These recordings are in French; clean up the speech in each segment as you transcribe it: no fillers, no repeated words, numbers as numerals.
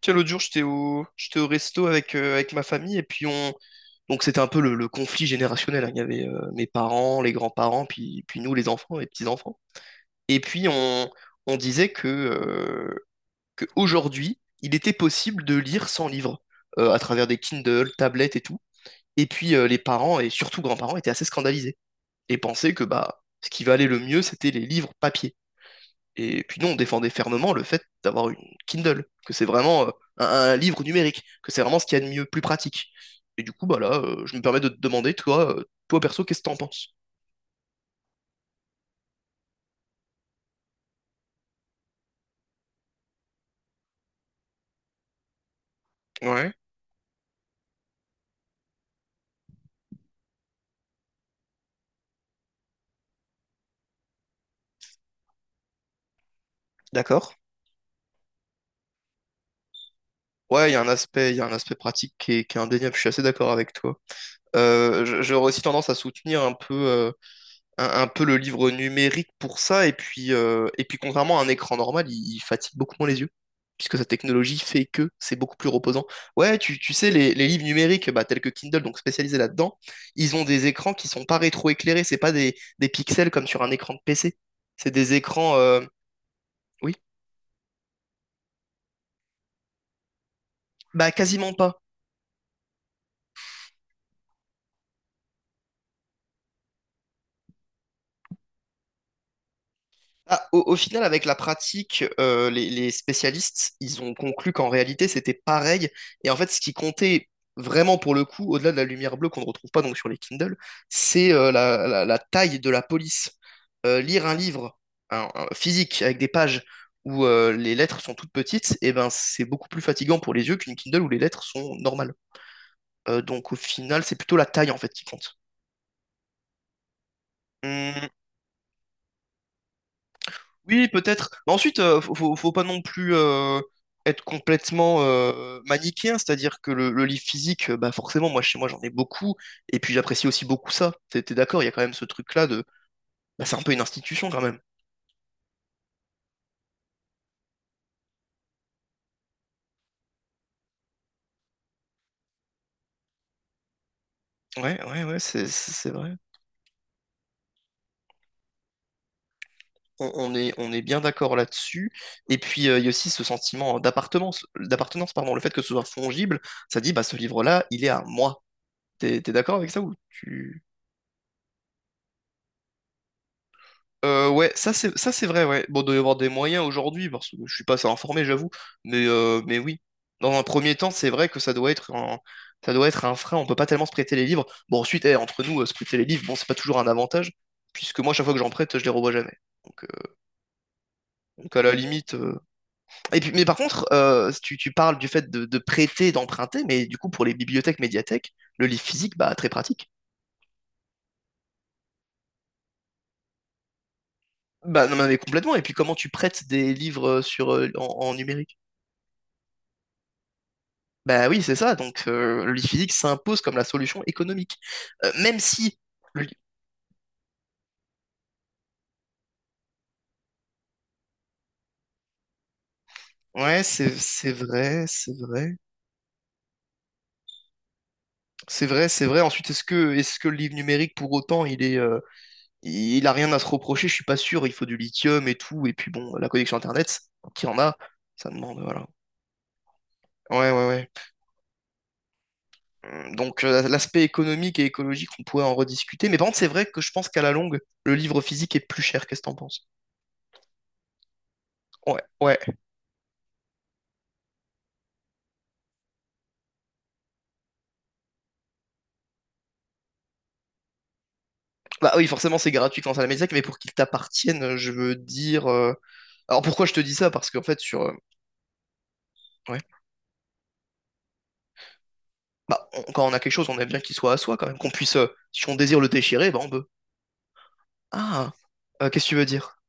Tu sais, l'autre jour, j'étais au resto avec, avec ma famille et puis on. Donc c'était un peu le conflit générationnel, hein. Il y avait mes parents, les grands-parents, puis nous, les enfants, les petits-enfants. Et puis on, on disait que aujourd'hui, il était possible de lire sans livre à travers des Kindle, tablettes et tout. Et puis les parents et surtout grands-parents étaient assez scandalisés et pensaient que bah ce qui valait le mieux, c'était les livres papier. Et puis nous, on défendait fermement le fait d'avoir une Kindle, que c'est vraiment un livre numérique, que c'est vraiment ce qu'il y a de mieux, plus pratique. Et du coup, bah là, je me permets de te demander, toi, toi perso, qu'est-ce que t'en penses? Ouais. D'accord? Ouais, il y a un aspect, il y a un aspect pratique qui est indéniable, je suis assez d'accord avec toi. J'aurais aussi tendance à soutenir un peu un peu le livre numérique pour ça. Et puis contrairement à un écran normal, il fatigue beaucoup moins les yeux, puisque sa technologie fait que c'est beaucoup plus reposant. Ouais, tu sais, les livres numériques, bah, tels que Kindle, donc spécialisés là-dedans, ils ont des écrans qui sont pas rétroéclairés, c'est pas des pixels comme sur un écran de PC. C'est des écrans... euh, Oui, bah quasiment pas. Ah, au final, avec la pratique, les spécialistes, ils ont conclu qu'en réalité, c'était pareil. Et en fait, ce qui comptait vraiment pour le coup, au-delà de la lumière bleue qu'on ne retrouve pas donc sur les Kindle, c'est la taille de la police. Lire un livre un physique avec des pages où les lettres sont toutes petites, et ben, c'est beaucoup plus fatigant pour les yeux qu'une Kindle où les lettres sont normales. Donc au final, c'est plutôt la taille en fait qui compte. Oui, peut-être. Mais ensuite, faut pas non plus être complètement manichéen, c'est-à-dire que le livre physique, bah forcément, moi chez moi j'en ai beaucoup, et puis j'apprécie aussi beaucoup ça. T'es d'accord, il y a quand même ce truc-là de, bah, c'est un peu une institution quand même. Ouais, ouais, ouais, c'est, c'est vrai. On est bien d'accord là-dessus. Et puis il y a aussi ce sentiment d'appartenance, pardon, le fait que ce soit fongible, ça dit, bah ce livre-là, il est à moi. T'es d'accord avec ça ou tu ouais, ça c'est vrai, ouais. Bon, il doit y avoir des moyens aujourd'hui, parce que je suis pas assez informé, j'avoue, mais oui. Dans un premier temps, c'est vrai que ça doit être ça doit être un frein, on peut pas tellement se prêter les livres. Bon, ensuite, eh, entre nous, se prêter les livres, bon, c'est pas toujours un avantage, puisque moi, chaque fois que j'en prête, je les revois jamais. Donc, euh, donc, à la limite. Et puis, mais par contre, tu parles du fait de prêter, d'emprunter, mais du coup, pour les bibliothèques, médiathèques, le livre physique, bah, très pratique. Bah, non, mais complètement. Et puis, comment tu prêtes des livres en en numérique? Bah oui, c'est ça. Donc le lit physique s'impose comme la solution économique. Même si le lit- Ouais, c'est vrai, c'est vrai. C'est vrai, c'est vrai. Ensuite, est-ce que le livre numérique pour autant, il a rien à se reprocher, je suis pas sûr, il faut du lithium et tout et puis bon, la connexion internet qui en a, ça demande voilà. Ouais, ouais, ouais. Donc l'aspect économique et écologique, on pourrait en rediscuter, mais par contre, c'est vrai que je pense qu'à la longue, le livre physique est plus cher. Qu'est-ce que t'en penses? Ouais, ouais. Bah oui, forcément, c'est gratuit quand à la médiathèque, mais pour qu'il t'appartienne, je veux dire. Alors pourquoi je te dis ça? Parce qu'en fait, sur. Ouais. Bah, quand on a quelque chose, on aime bien qu'il soit à soi quand même, qu'on puisse. Si on désire le déchirer, bah on peut. Ah, qu'est-ce que tu veux dire?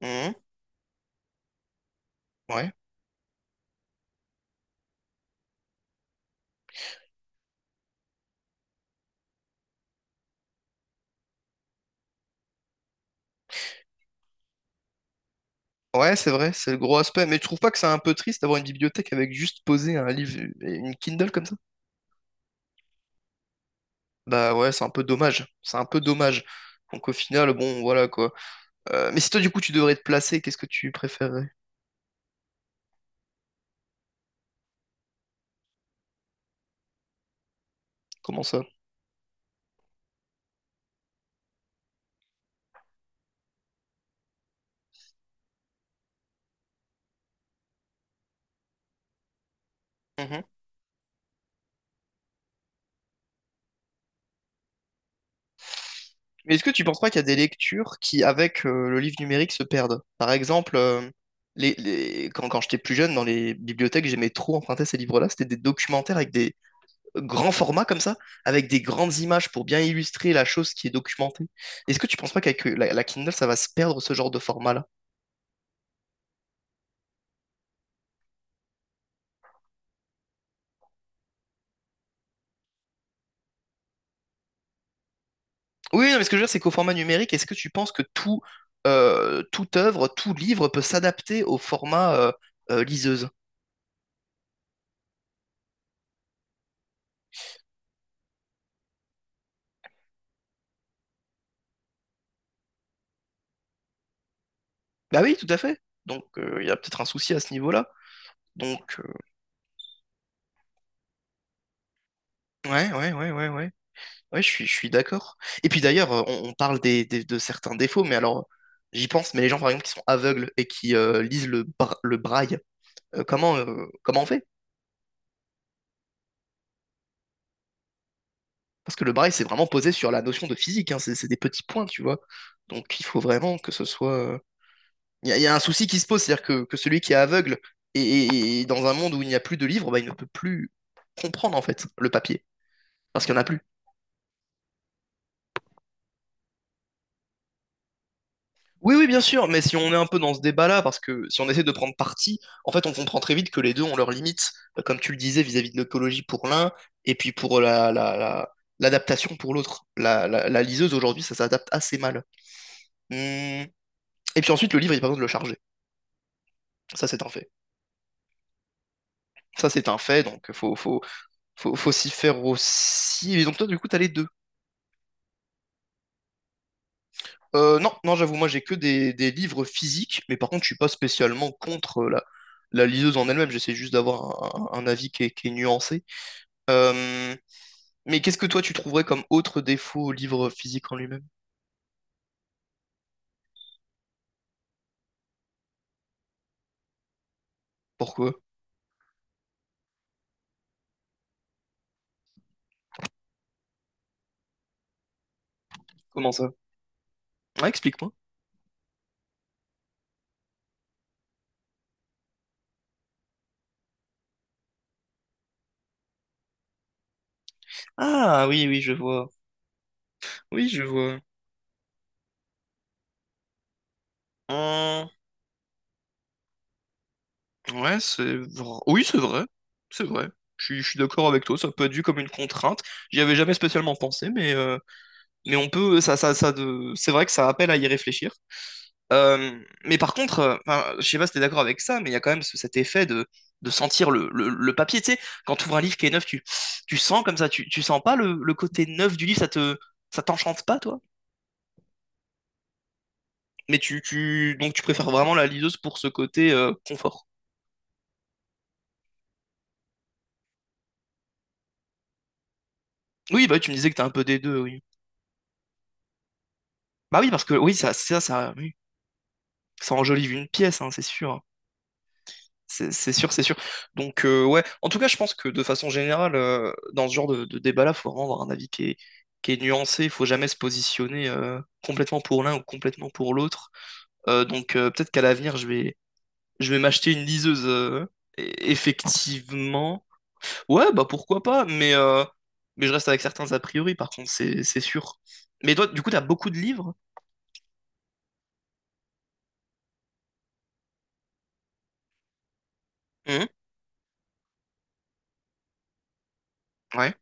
Mhm. Ouais. Ouais, c'est vrai, c'est le gros aspect. Mais tu trouves pas que c'est un peu triste d'avoir une bibliothèque avec juste poser un livre et une Kindle comme ça? Bah ouais, c'est un peu dommage. C'est un peu dommage. Donc au final, bon, voilà quoi. Mais si toi, du coup, tu devrais te placer, qu'est-ce que tu préférerais? Comment ça? Mais est-ce que tu penses pas qu'il y a des lectures qui, avec le livre numérique, se perdent? Par exemple, quand j'étais plus jeune, dans les bibliothèques, j'aimais trop emprunter ces livres-là. C'était des documentaires avec des grands formats comme ça, avec des grandes images pour bien illustrer la chose qui est documentée. Est-ce que tu penses pas qu'avec la, la Kindle, ça va se perdre ce genre de format-là? Oui, non, mais ce que je veux dire, c'est qu'au format numérique, est-ce que tu penses que tout, toute œuvre, tout livre peut s'adapter au format liseuse? Bah oui, tout à fait. Donc, il y a peut-être un souci à ce niveau-là. Donc, euh, Ouais, ouais, ouais, ouais, ouais. Ouais, je suis d'accord. Et puis d'ailleurs, on parle de certains défauts, mais alors, j'y pense, mais les gens, par exemple, qui sont aveugles et qui lisent le braille, comment on fait? Parce que le braille, c'est vraiment posé sur la notion de physique, hein, c'est des petits points, tu vois. Donc, il faut vraiment que ce soit... il y a un souci qui se pose, c'est-à-dire que celui qui est aveugle et, et dans un monde où il n'y a plus de livres, bah, il ne peut plus comprendre, en fait, le papier, parce qu'il n'y en a plus. Oui, oui, bien sûr, mais si on est un peu dans ce débat-là, parce que si on essaie de prendre parti, en fait, on comprend très vite que les deux ont leurs limites, comme tu le disais, vis-à-vis de l'écologie pour l'un, et puis pour l'adaptation pour l'autre. La liseuse, aujourd'hui, ça s'adapte assez mal. Hum. Et puis ensuite, le livre, il n'y a pas besoin de le charger. Ça, c'est un fait. Ça, c'est un fait, donc faut s'y faire aussi. Et donc toi, du coup, t'as les deux. Non, j'avoue, moi j'ai que des livres physiques, mais par contre je suis pas spécialement contre la liseuse en elle-même, j'essaie juste d'avoir un avis qui est nuancé. Euh, mais qu'est-ce que toi tu trouverais comme autre défaut au livre physique en lui-même? Pourquoi? Comment ça? Ah, explique-moi. Ah oui, oui, je vois. Oui, je vois. Hum, ouais, c'est vrai. Oui, c'est vrai. C'est vrai. Je suis d'accord avec toi, ça peut être vu comme une contrainte. J'y avais jamais spécialement pensé, mais on peut, c'est vrai que ça appelle à y réfléchir. Euh, mais par contre, enfin, je sais pas si t'es d'accord avec ça, mais il y a quand même cet effet de sentir le papier. Tu sais, quand tu ouvres un livre qui est neuf, tu sens comme ça, tu sens pas le côté neuf du livre, ça t'enchante pas, toi. Mais donc tu préfères vraiment la liseuse pour ce côté confort. Oui, bah oui, tu me disais que t'as un peu des deux, oui. Bah oui, parce que oui, oui, ça enjolive une pièce, hein, c'est sûr. C'est sûr, c'est sûr. Donc, ouais, en tout cas, je pense que de façon générale, dans ce genre de débat-là, il faut vraiment avoir un avis qui est nuancé. Il faut jamais se positionner complètement pour l'un ou complètement pour l'autre. Peut-être qu'à l'avenir, je vais m'acheter une liseuse, e- effectivement. Ouais, bah pourquoi pas, mais je reste avec certains a priori, par contre, c'est sûr. Mais toi, du coup, t'as beaucoup de livres? Mhm. Ouais.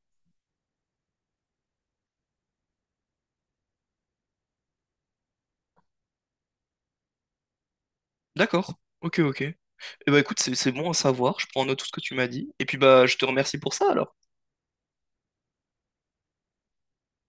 D'accord. Ok, ok. Eh bah écoute, c'est bon à savoir. Je prends en note tout ce que tu m'as dit. Et puis bah, je te remercie pour ça alors.